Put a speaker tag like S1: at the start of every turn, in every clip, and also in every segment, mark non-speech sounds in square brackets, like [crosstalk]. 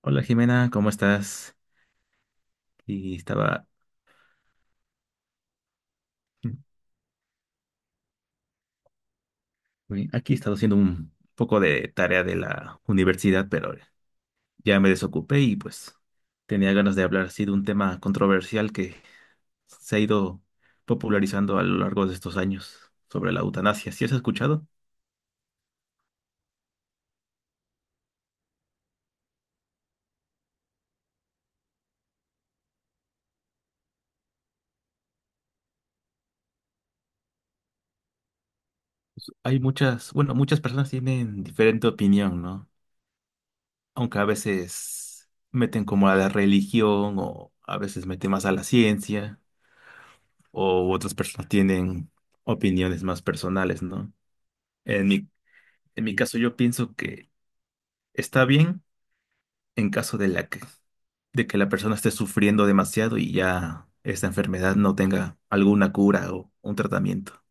S1: Hola Jimena, ¿cómo estás? Y estaba uy, aquí, he haciendo un poco de tarea de la universidad, pero ya me desocupé y pues tenía ganas de hablar así de un tema controversial que se ha ido popularizando a lo largo de estos años sobre la eutanasia. ¿Sí has escuchado? Hay muchas, bueno, muchas personas tienen diferente opinión, ¿no? Aunque a veces meten como a la religión o a veces meten más a la ciencia. O otras personas tienen opiniones más personales, ¿no? En mi, en mi caso, yo pienso que está bien en caso de la que, de que la persona esté sufriendo demasiado y ya esta enfermedad no tenga alguna cura o un tratamiento.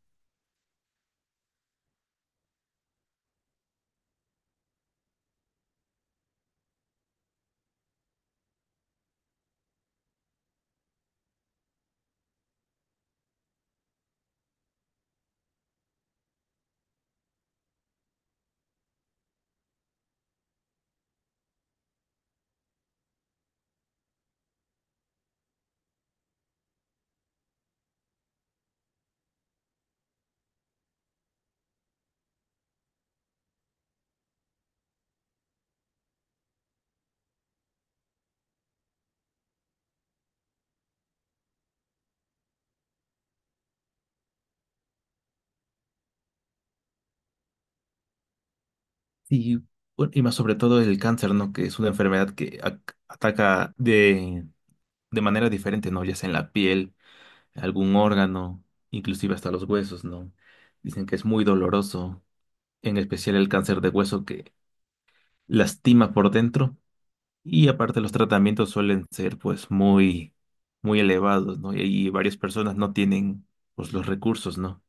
S1: Y, bueno, y más sobre todo el cáncer, ¿no? Que es una enfermedad que ataca de manera diferente, ¿no? Ya sea en la piel, algún órgano, inclusive hasta los huesos, ¿no? Dicen que es muy doloroso, en especial el cáncer de hueso que lastima por dentro, y aparte los tratamientos suelen ser pues muy elevados, ¿no? Y ahí varias personas no tienen pues los recursos, ¿no?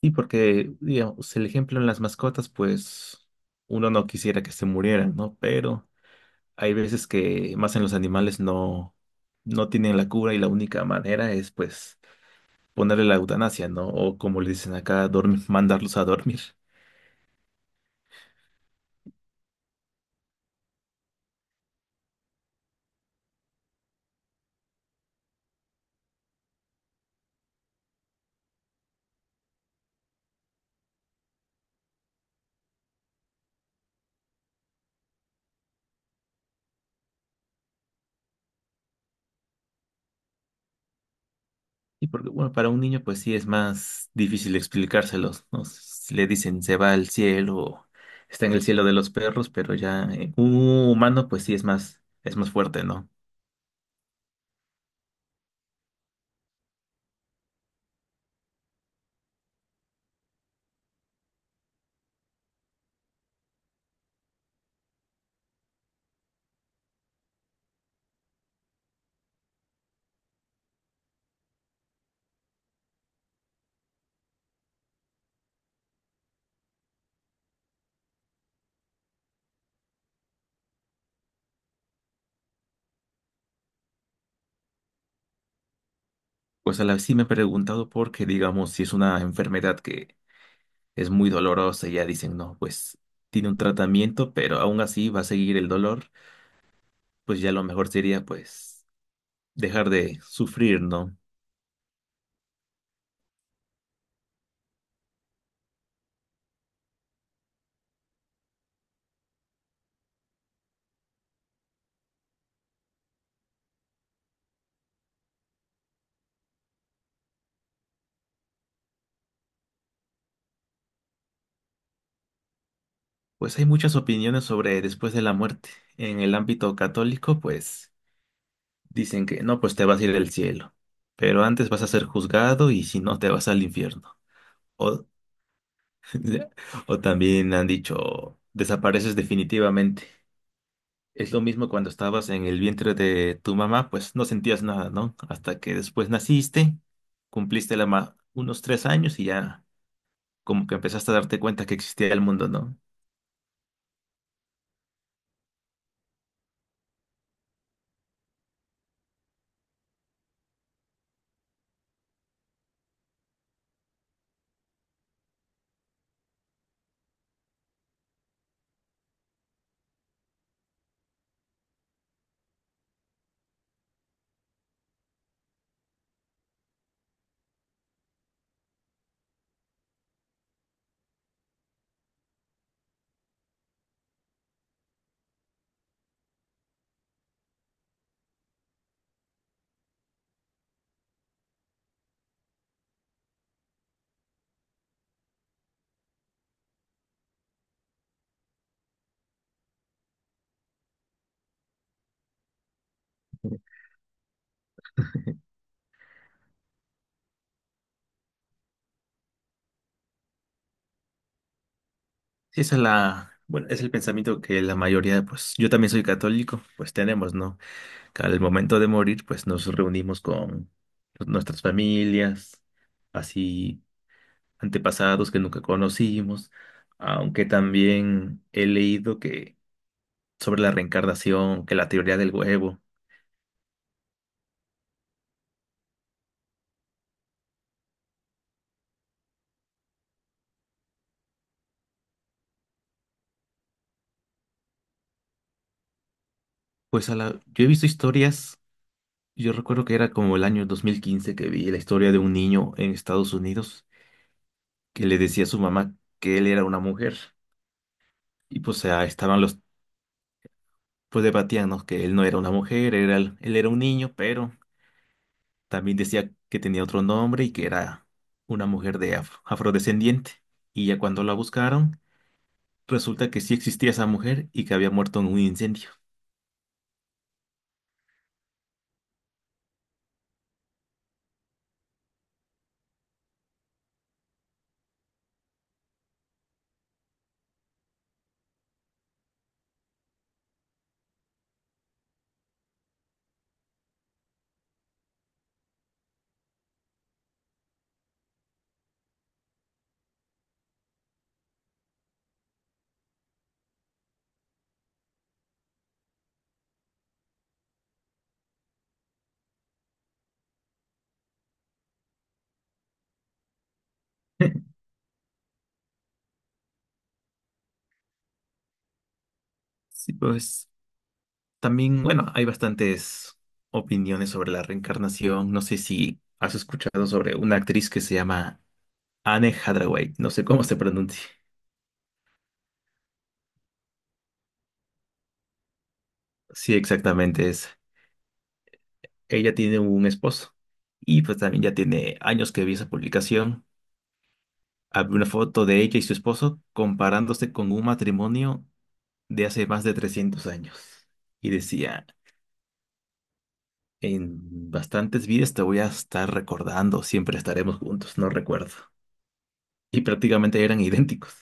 S1: Y porque, digamos, el ejemplo en las mascotas, pues uno no quisiera que se murieran, ¿no? Pero hay veces que más en los animales no tienen la cura y la única manera es pues ponerle la eutanasia, ¿no? O como le dicen acá, dormir, mandarlos a dormir. Y porque, bueno, para un niño pues sí es más difícil explicárselos, ¿no? Si le dicen se va al cielo, está en el cielo de los perros, pero ya un humano pues sí es más fuerte, ¿no? Pues a la vez sí me he preguntado porque, digamos, si es una enfermedad que es muy dolorosa y ya dicen, no, pues tiene un tratamiento, pero aún así va a seguir el dolor, pues ya lo mejor sería pues dejar de sufrir, ¿no? Pues hay muchas opiniones sobre después de la muerte. En el ámbito católico, pues... Dicen que no, pues te vas a ir al cielo, pero antes vas a ser juzgado y si no, te vas al infierno. O [laughs] o también han dicho, desapareces definitivamente. Es lo mismo cuando estabas en el vientre de tu mamá, pues no sentías nada, ¿no? Hasta que después naciste, cumpliste unos 3 años y ya como que empezaste a darte cuenta que existía el mundo, ¿no? Sí, esa es la, bueno, es el pensamiento que la mayoría, pues yo también soy católico, pues tenemos, ¿no? Al momento de morir, pues nos reunimos con nuestras familias, así antepasados que nunca conocimos, aunque también he leído que sobre la reencarnación, que la teoría del huevo, yo he visto historias, yo recuerdo que era como el año 2015 que vi la historia de un niño en Estados Unidos que le decía a su mamá que él era una mujer y pues pues debatían, ¿no? Que él no era una mujer, era, él era un niño, pero también decía que tenía otro nombre y que era una mujer de afrodescendiente. Y ya cuando la buscaron, resulta que sí existía esa mujer y que había muerto en un incendio. [laughs] Sí, pues también, bueno, hay bastantes opiniones sobre la reencarnación. ¿No sé si has escuchado sobre una actriz que se llama Anne Hathaway? No sé cómo se pronuncia. Sí, exactamente es. Ella tiene un esposo y pues también ya tiene años que vi esa publicación. Había una foto de ella y su esposo comparándose con un matrimonio de hace más de 300 años. Y decía, en bastantes vidas te voy a estar recordando, siempre estaremos juntos, no recuerdo. Y prácticamente eran idénticos.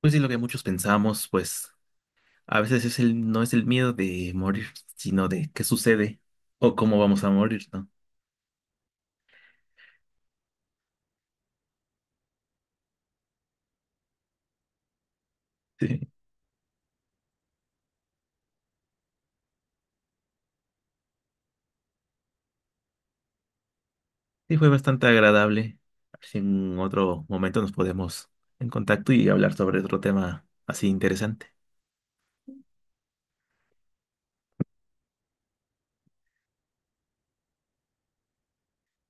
S1: Pues sí, lo que muchos pensamos, pues a veces es el, no es el miedo de morir, sino de qué sucede o cómo vamos a morir, ¿no? Sí, sí fue bastante agradable. A ver si en otro momento nos podemos en contacto y hablar sobre otro tema así interesante.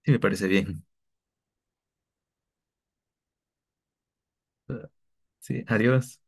S1: Sí, me parece bien. Sí, adiós.